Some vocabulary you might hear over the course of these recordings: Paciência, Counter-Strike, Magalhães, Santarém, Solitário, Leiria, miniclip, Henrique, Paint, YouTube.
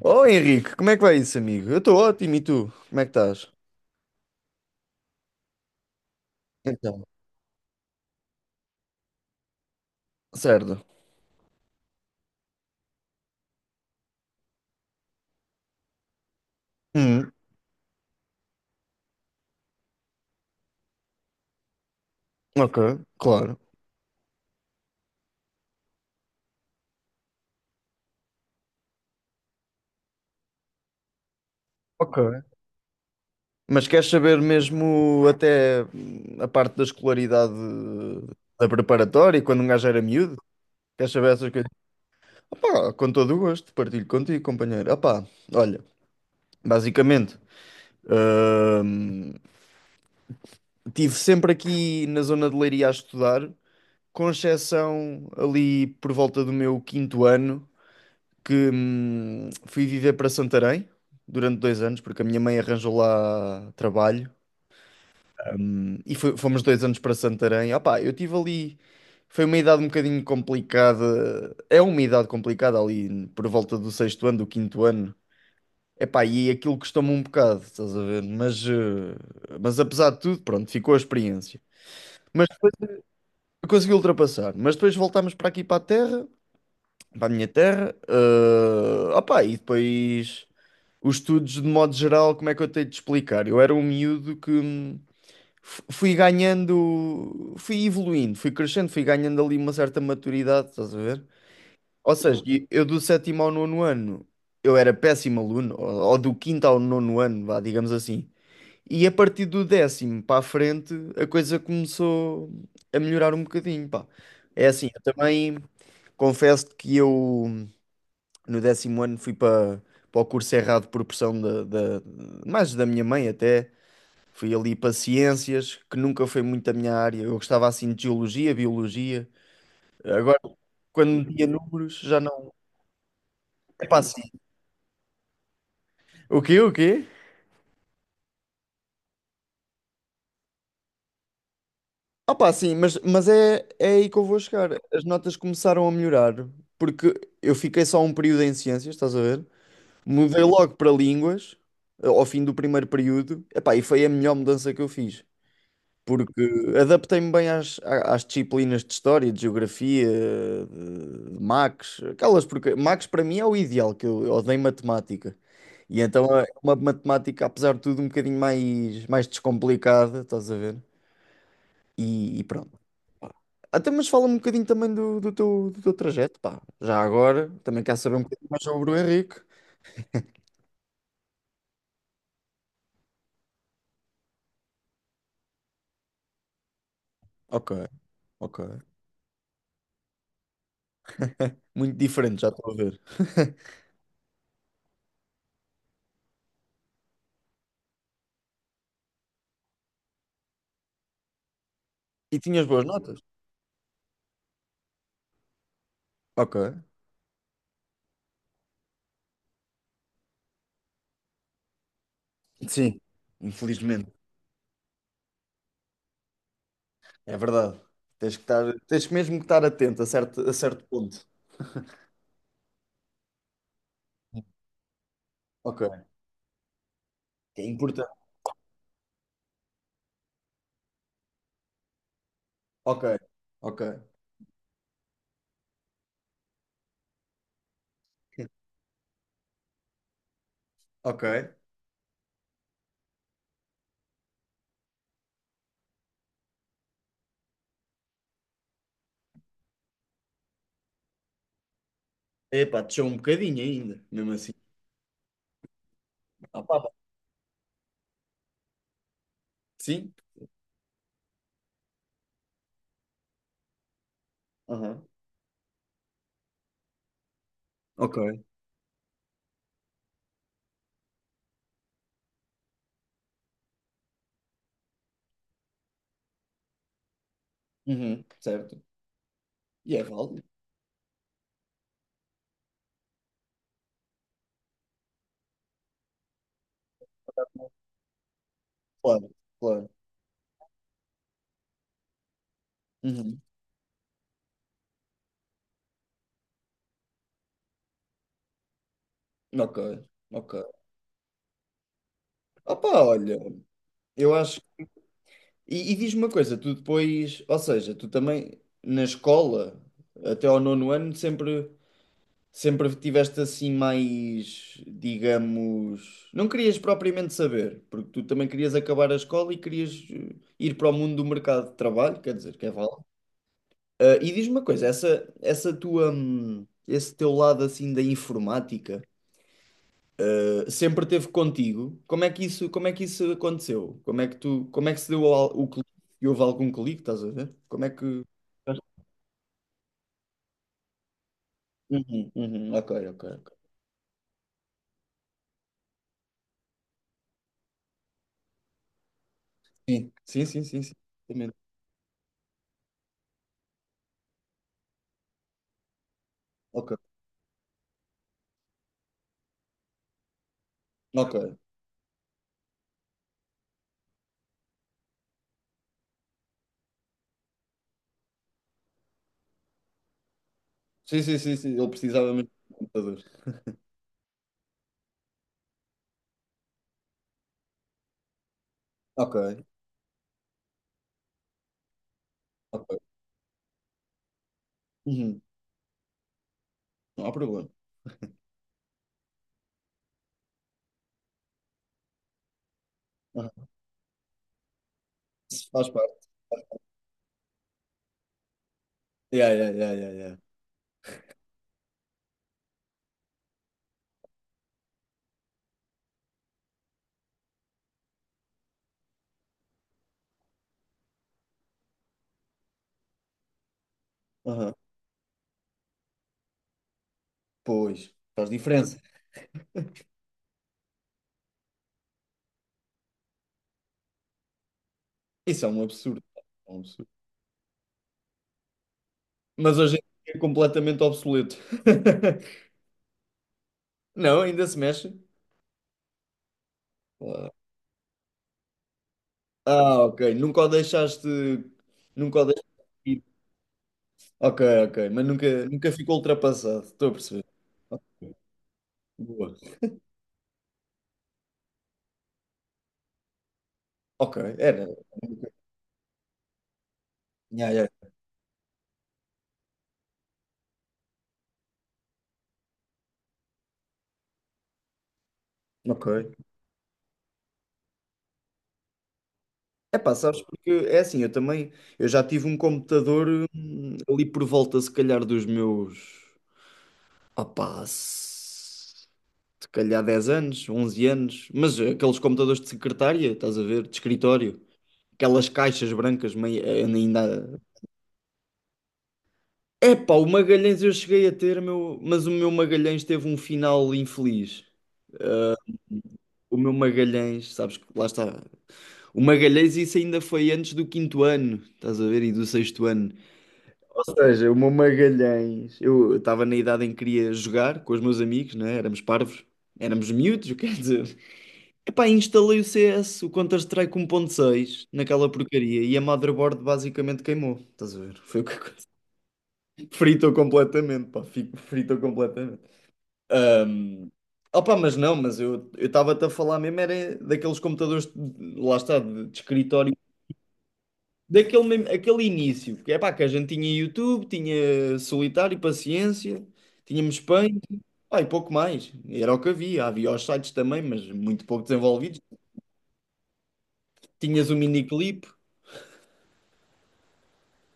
Oh Henrique, como é que vai isso, amigo? Eu estou ótimo, e tu? Como é que estás? Então, certo. Hum, ok, claro. Ok. Mas queres saber mesmo até a parte da escolaridade da preparatória, quando um gajo era miúdo? Queres saber essas coisas? Opá, com todo o gosto, partilho contigo, companheiro. Opá, olha, basicamente, hum, tive sempre aqui na zona de Leiria a estudar, com exceção ali por volta do meu quinto ano, que fui viver para Santarém durante 2 anos, porque a minha mãe arranjou lá trabalho, e fomos 2 anos para Santarém. Opá, eu tive ali, foi uma idade um bocadinho complicada, é uma idade complicada ali por volta do sexto ano, do quinto ano. Epá, e aquilo custou-me um bocado, estás a ver? Mas apesar de tudo, pronto, ficou a experiência. Mas consegui ultrapassar. Mas depois voltámos para aqui para a terra, para a minha terra. Ah opa, e depois os estudos, de modo geral, como é que eu tenho de explicar? Eu era um miúdo que fui ganhando, fui evoluindo, fui crescendo, fui ganhando ali uma certa maturidade, estás a ver? Ou seja, e eu do sétimo ao nono ano eu era péssimo aluno, ou do quinto ao nono ano, vá, digamos assim. E a partir do décimo para a frente a coisa começou a melhorar um bocadinho, pá. É assim, eu também confesso que eu no décimo ano fui para o curso errado por pressão mais da minha mãe até. Fui ali para ciências, que nunca foi muito a minha área. Eu gostava assim de geologia, biologia. Agora, quando metia números, já não. Epá, assim. O quê? O quê? Ah, pá, sim, mas é aí que eu vou chegar. As notas começaram a melhorar, porque eu fiquei só um período em ciências, estás a ver? Mudei logo para línguas, ao fim do primeiro período. Epá, e foi a melhor mudança que eu fiz. Porque adaptei-me bem às disciplinas de história, de geografia, de Max, aquelas porque Max para mim é o ideal, que eu odeio matemática. E então é uma matemática, apesar de tudo, um bocadinho mais descomplicada, estás a ver? E pronto. Até mas fala-me um bocadinho também do teu trajeto, pá. Já agora, também quero saber um bocadinho mais sobre o Henrique. Ok, ok. Muito diferente, já estou a ver. E tinhas boas notas? Ok. Sim. Infelizmente. É verdade. Tens que estar, tens mesmo que estar atento a certo ponto. Ok. Que é importante. Ok. Ok. Ok. Epá, deixou um bocadinho ainda, mesmo assim. Ah, pá, pá. Sim? Aham. Ok. Uhum. Certo. E é válido. Claro, claro. Uhum. Ok, ok. Ah, pá, olha, eu acho. E diz-me uma coisa, tu depois, ou seja, tu também na escola, até ao nono ano, sempre. Sempre tiveste assim mais, digamos, não querias propriamente saber, porque tu também querias acabar a escola e querias ir para o mundo do mercado de trabalho, quer dizer, que é válido. Ah, e diz-me uma coisa, esse teu lado assim da informática, sempre teve contigo? Como é que isso aconteceu? Como é que se deu o clique? E houve algum clique, estás a ver? Como é que... Uhum, uhum, ok, ok, ok. Sim, sim, sim, sim, sim. Exatamente. Ok, ok. Sim, sim, sim, sim. Ele precisava mesmo de computador. Ok, ok. Uhum. Não há problema. Aham. Isso faz parte. Yeah, yeah, yeah, yeah, yeah. Aham. Pois, faz diferença. Isso é um absurdo. É um absurdo. Mas hoje em dia é completamente obsoleto. Não, ainda se mexe. Claro. Ah, ok. Nunca o deixaste. Nunca o deixaste. Ir. Ok, ok. Mas nunca, nunca ficou ultrapassado. Estou a perceber. Ok, boa. Ok, era. Yeah, yeah. Ok. É pá, sabes, porque é assim, eu também, eu já tive um computador ali por volta, se calhar, dos meus, opá, se calhar 10 anos, 11 anos, mas aqueles computadores de secretária, estás a ver, de escritório, aquelas caixas brancas, meio, ainda... É pá, o Magalhães eu cheguei a ter, meu, mas o meu Magalhães teve um final infeliz. O meu Magalhães, sabes, que lá está... O Magalhães, isso ainda foi antes do quinto ano, estás a ver, e do sexto ano. Ou seja, o meu Magalhães, eu estava na idade em que queria jogar com os meus amigos, né? Éramos parvos, éramos miúdos, quer dizer. Epá, instalei o CS, o Counter-Strike 1.6 naquela porcaria, e a motherboard basicamente queimou. Estás a ver? Foi o que aconteceu. Fritou completamente, pá, fritou completamente. Ahm, Opa, mas não, mas eu estava-te a falar mesmo, era daqueles computadores, lá está, de escritório aquele início, porque é pá, que a gente tinha YouTube, tinha Solitário, Paciência, tínhamos Paint, pá, e pouco mais. Era o que havia. Havia os sites também, mas muito pouco desenvolvidos. Tinhas o miniclip,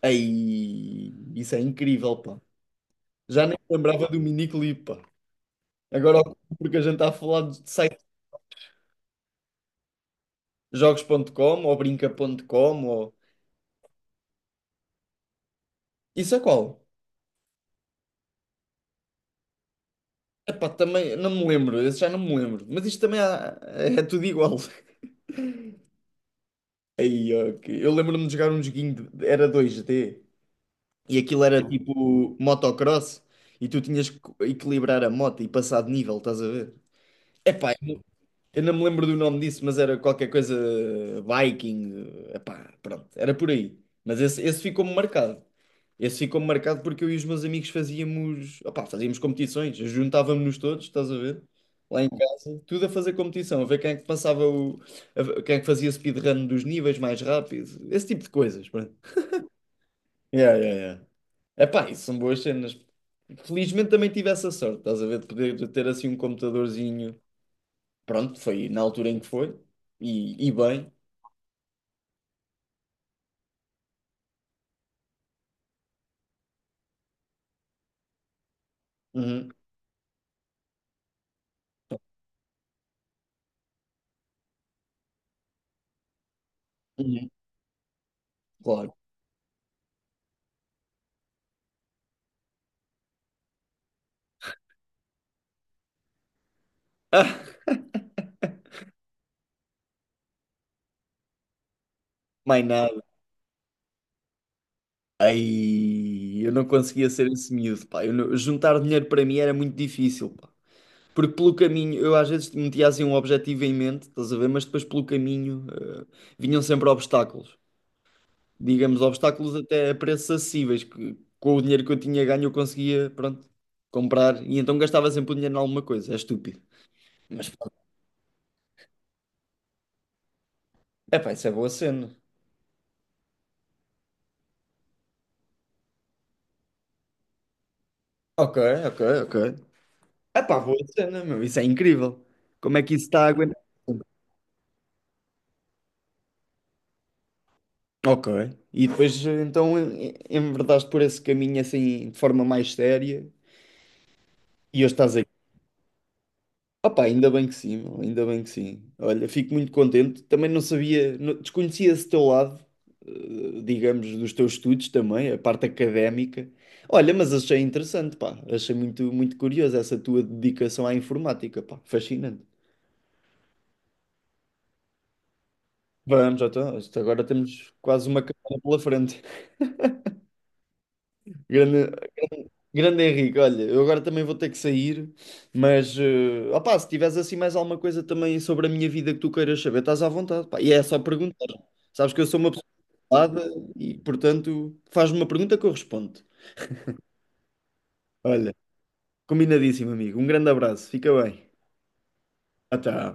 aí isso é incrível, pá. Já nem me lembrava do miniclip, pá. Agora, porque a gente está a falar de sites jogos.com ou brinca.com ou... Isso é qual? Epá, também não me lembro, esse já não me lembro. Mas isto também é tudo igual. Aí, ok. Eu lembro-me de jogar um joguinho, era 2D e aquilo era tipo motocross, e tu tinhas que equilibrar a moto e passar de nível, estás a ver? Epá, eu não me lembro do nome disso, mas era qualquer coisa Viking, epá, pronto, era por aí. Mas esse ficou-me marcado. Esse ficou marcado porque eu e os meus amigos fazíamos, opá, fazíamos competições, juntávamos-nos todos, estás a ver? Lá em casa, tudo a fazer competição, a ver quem é que passava o, ver quem é que fazia speedrun dos níveis mais rápidos, esse tipo de coisas, pronto. Yeah, yeah, yeah. Epá, isso são boas cenas. Felizmente também tive essa sorte, estás a ver, de poder de ter assim um computadorzinho. Pronto, foi na altura em que foi, e bem. Uhum, uhum, claro. Ah, mais nada. Ai, eu não conseguia ser esse miúdo, pá. Eu não- juntar dinheiro para mim era muito difícil, pá. Porque pelo caminho, eu às vezes metia assim um objetivo em mente, estás a ver? Mas depois pelo caminho, vinham sempre obstáculos. Digamos, obstáculos até a preços acessíveis, que com o dinheiro que eu tinha ganho eu conseguia, pronto, comprar. E então gastava sempre o dinheiro em alguma coisa, é estúpido. Mas, pronto. Epá, isso é boa cena. Ok, ok, ok. Epá, boa cena, meu, isso é incrível. Como é que isso está a aguentar? Ok. E depois então enverdaste por esse caminho assim de forma mais séria e hoje estás aí. Opa, ainda bem que sim, meu, ainda bem que sim. Olha, fico muito contente. Também não sabia, desconhecia esse teu lado, digamos, dos teus estudos também, a parte académica. Olha, mas achei interessante, pá. Achei muito, muito curioso essa tua dedicação à informática, pá. Fascinante. Vamos, já então, isto agora temos quase uma carreira pela frente. Grande, Grande Henrique, olha, eu agora também vou ter que sair, mas opá, se tiveres assim mais alguma coisa também sobre a minha vida que tu queiras saber, estás à vontade, pá. E é só perguntar. Sabes que eu sou uma pessoa ocupada e, portanto, faz-me uma pergunta que eu respondo. Olha, combinadíssimo, amigo. Um grande abraço, fica bem. Até.